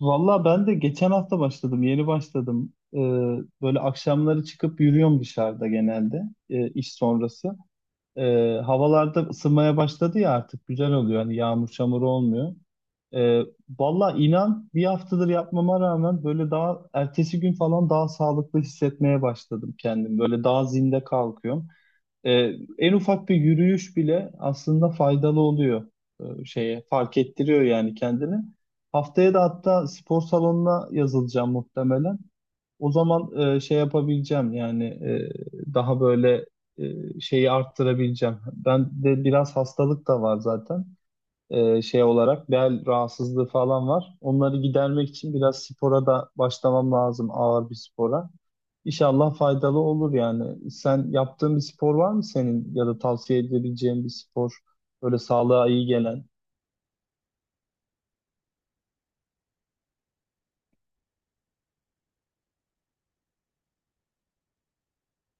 Valla ben de geçen hafta başladım, yeni başladım. Böyle akşamları çıkıp yürüyorum dışarıda genelde iş sonrası. Havalarda ısınmaya başladı ya, artık güzel oluyor. Hani yağmur çamur olmuyor. Ee, Valla inan bir haftadır yapmama rağmen böyle daha ertesi gün falan daha sağlıklı hissetmeye başladım kendim. Böyle daha zinde kalkıyorum. En ufak bir yürüyüş bile aslında faydalı oluyor, şeye fark ettiriyor yani kendini. Haftaya da hatta spor salonuna yazılacağım muhtemelen. O zaman şey yapabileceğim yani, daha böyle şeyi arttırabileceğim. Ben de biraz hastalık da var zaten, şey olarak bel rahatsızlığı falan var. Onları gidermek için biraz spora da başlamam lazım, ağır bir spora. İnşallah faydalı olur yani. Sen yaptığın bir spor var mı senin ya da tavsiye edebileceğin bir spor böyle sağlığa iyi gelen?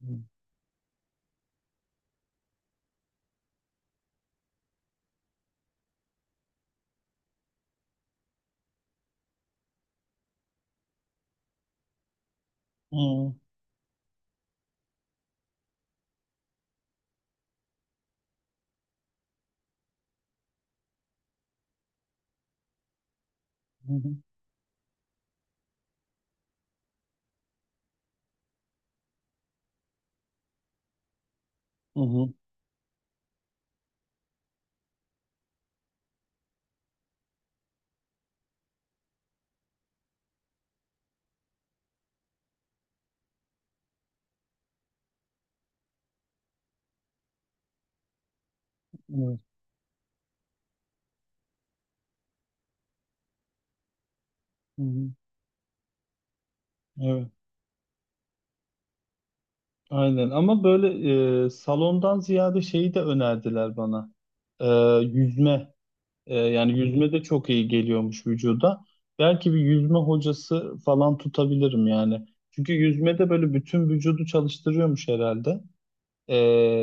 Hı hı, hı hı. Hı, hı, evet. Hı hı, evet. Aynen, ama böyle, salondan ziyade şeyi de önerdiler bana. E, Yüzme. Yani yüzme de çok iyi geliyormuş vücuda. Belki bir yüzme hocası falan tutabilirim yani. Çünkü yüzme de böyle bütün vücudu çalıştırıyormuş herhalde. Ee,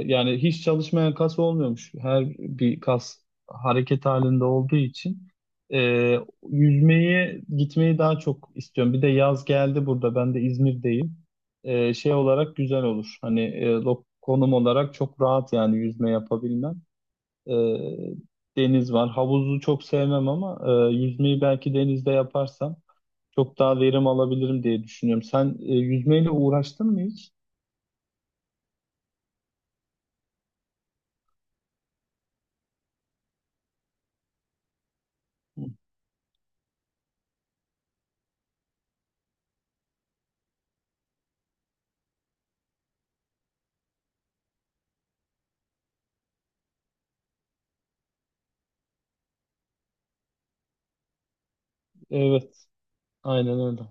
Yani hiç çalışmayan kas olmuyormuş. Her bir kas hareket halinde olduğu için. Ee, Yüzmeyi, gitmeyi daha çok istiyorum. Bir de yaz geldi burada. Ben de İzmir'deyim. Şey olarak güzel olur. Hani, konum olarak çok rahat yani yüzme yapabilmem. Ee, Deniz var. Havuzu çok sevmem ama yüzmeyi belki denizde yaparsam çok daha verim alabilirim diye düşünüyorum. Sen, yüzmeyle uğraştın mı hiç? Evet, aynen öyle.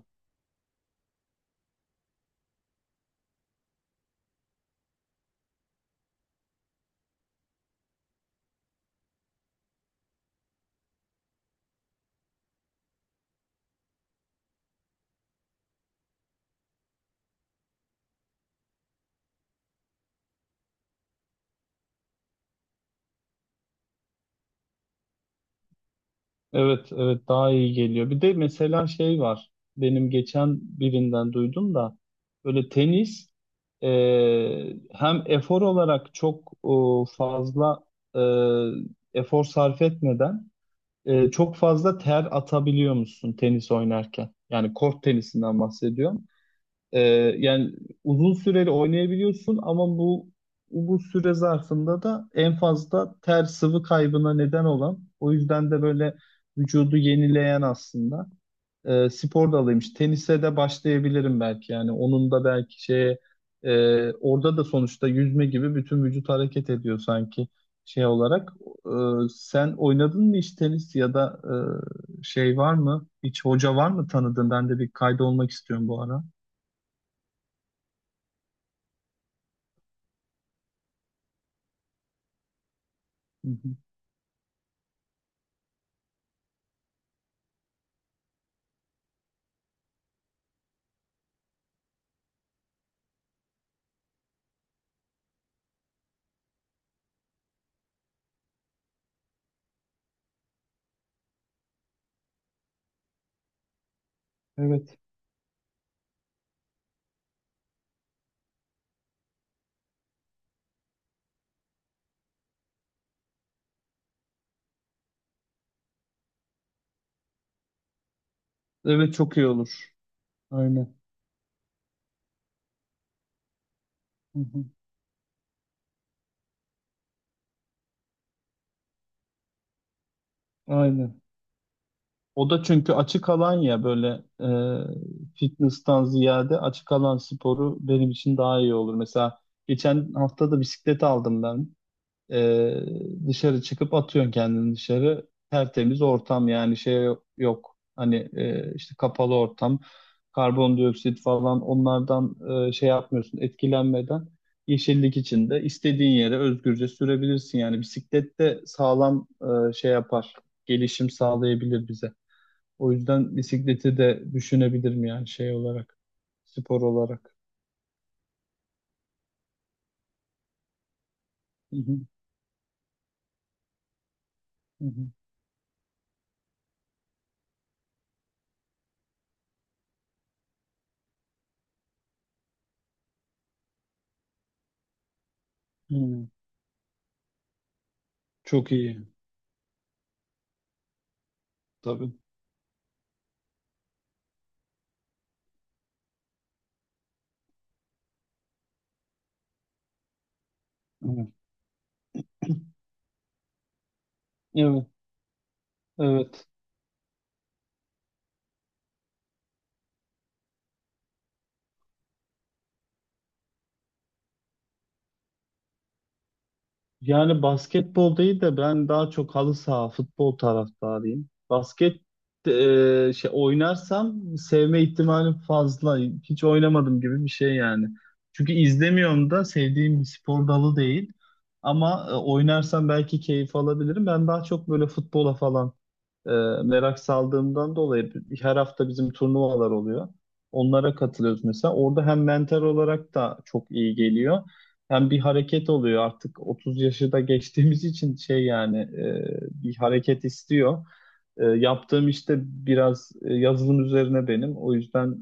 Evet, evet, daha iyi geliyor. Bir de mesela şey var. Benim geçen birinden duydum da, böyle tenis, e, hem efor olarak çok, fazla efor sarf etmeden, çok fazla ter atabiliyor musun tenis oynarken? Yani kort tenisinden bahsediyorum. Ee, Yani uzun süreli oynayabiliyorsun, ama bu süre zarfında da en fazla ter sıvı kaybına neden olan, o yüzden de böyle vücudu yenileyen aslında spor dalıymış. Tenise de başlayabilirim belki, yani onun da belki şeye, orada da sonuçta yüzme gibi bütün vücut hareket ediyor sanki şey olarak. E, Sen oynadın mı hiç tenis, ya da şey var mı? Hiç hoca var mı tanıdığın? Ben de bir kaydolmak istiyorum bu ara. Evet. Evet, çok iyi olur. Aynen. Hı hı. Aynen. O da çünkü açık alan ya, böyle, fitness'tan ziyade açık alan sporu benim için daha iyi olur. Mesela geçen hafta da bisiklet aldım ben. Ee, Dışarı çıkıp atıyorsun kendini dışarı. Tertemiz ortam, yani şey yok. Hani, işte kapalı ortam, karbondioksit falan onlardan, şey yapmıyorsun, etkilenmeden. Yeşillik içinde istediğin yere özgürce sürebilirsin. Yani bisiklet de sağlam, şey yapar. Gelişim sağlayabilir bize. O yüzden bisikleti de düşünebilirim yani şey olarak, spor olarak. Hı hı, hı hı, hı. Çok iyi, tabii. Evet, evet. Evet. Yani basketbol değil de, ben daha çok halı saha, futbol taraftarıyım. Basket, şey oynarsam sevme ihtimalim fazla. Hiç oynamadım gibi bir şey yani. Çünkü izlemiyorum da, sevdiğim bir spor dalı değil. Ama, oynarsam belki keyif alabilirim. Ben daha çok böyle futbola falan, e, merak saldığımdan dolayı her hafta bizim turnuvalar oluyor. Onlara katılıyoruz mesela. Orada hem mental olarak da çok iyi geliyor. Hem bir hareket oluyor artık, 30 yaşı da geçtiğimiz için şey yani, bir hareket istiyor. Yaptığım işte biraz, yazılım üzerine benim. O yüzden,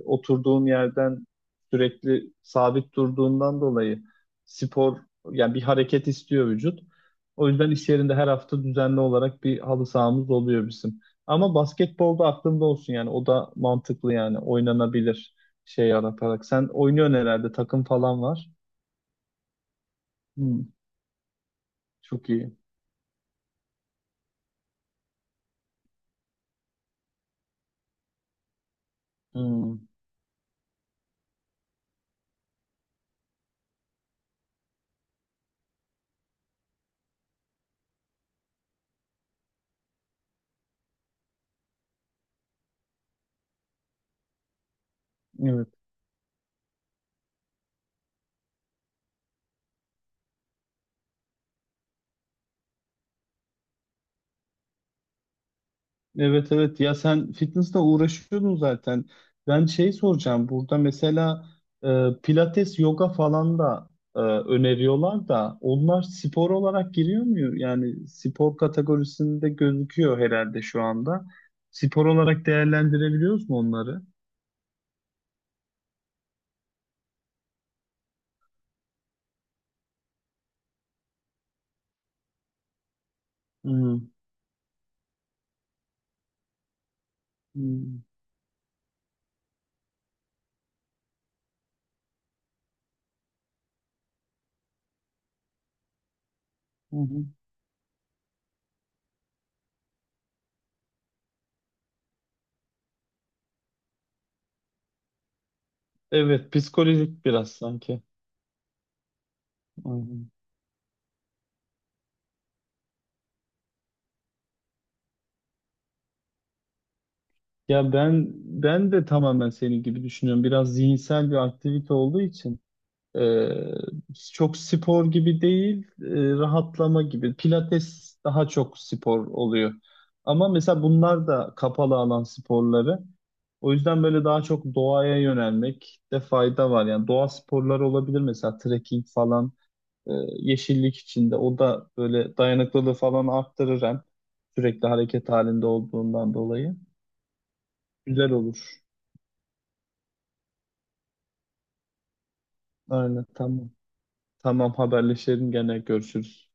oturduğum yerden sürekli sabit durduğundan dolayı spor, yani bir hareket istiyor vücut. O yüzden iş yerinde her hafta düzenli olarak bir halı sahamız oluyor bizim. Ama basketbolda aklımda olsun yani, o da mantıklı, yani oynanabilir şey yaratarak. Sen oynuyorsun herhalde, takım falan var. Hı. Çok iyi. Hmm, evet. Evet, evet, ya sen fitnessle uğraşıyordun zaten. Ben şey soracağım burada mesela, pilates, yoga falan da öneriyorlar da, onlar spor olarak giriyor mu? Yani spor kategorisinde gözüküyor herhalde şu anda. Spor olarak değerlendirebiliyoruz mu onları? Hmm, hmm, hı hı. Evet, psikolojik biraz sanki. Aynen. Ya ben de tamamen senin gibi düşünüyorum. Biraz zihinsel bir aktivite olduğu için. Ee, Çok spor gibi değil, rahatlama gibi. Pilates daha çok spor oluyor. Ama mesela bunlar da kapalı alan sporları. O yüzden böyle daha çok doğaya yönelmek de fayda var. Yani doğa sporları olabilir mesela, trekking falan, e, yeşillik içinde. O da böyle dayanıklılığı falan arttırır, hem sürekli hareket halinde olduğundan dolayı. Güzel olur. Aynen, tamam. Tamam, haberleşelim, gene görüşürüz.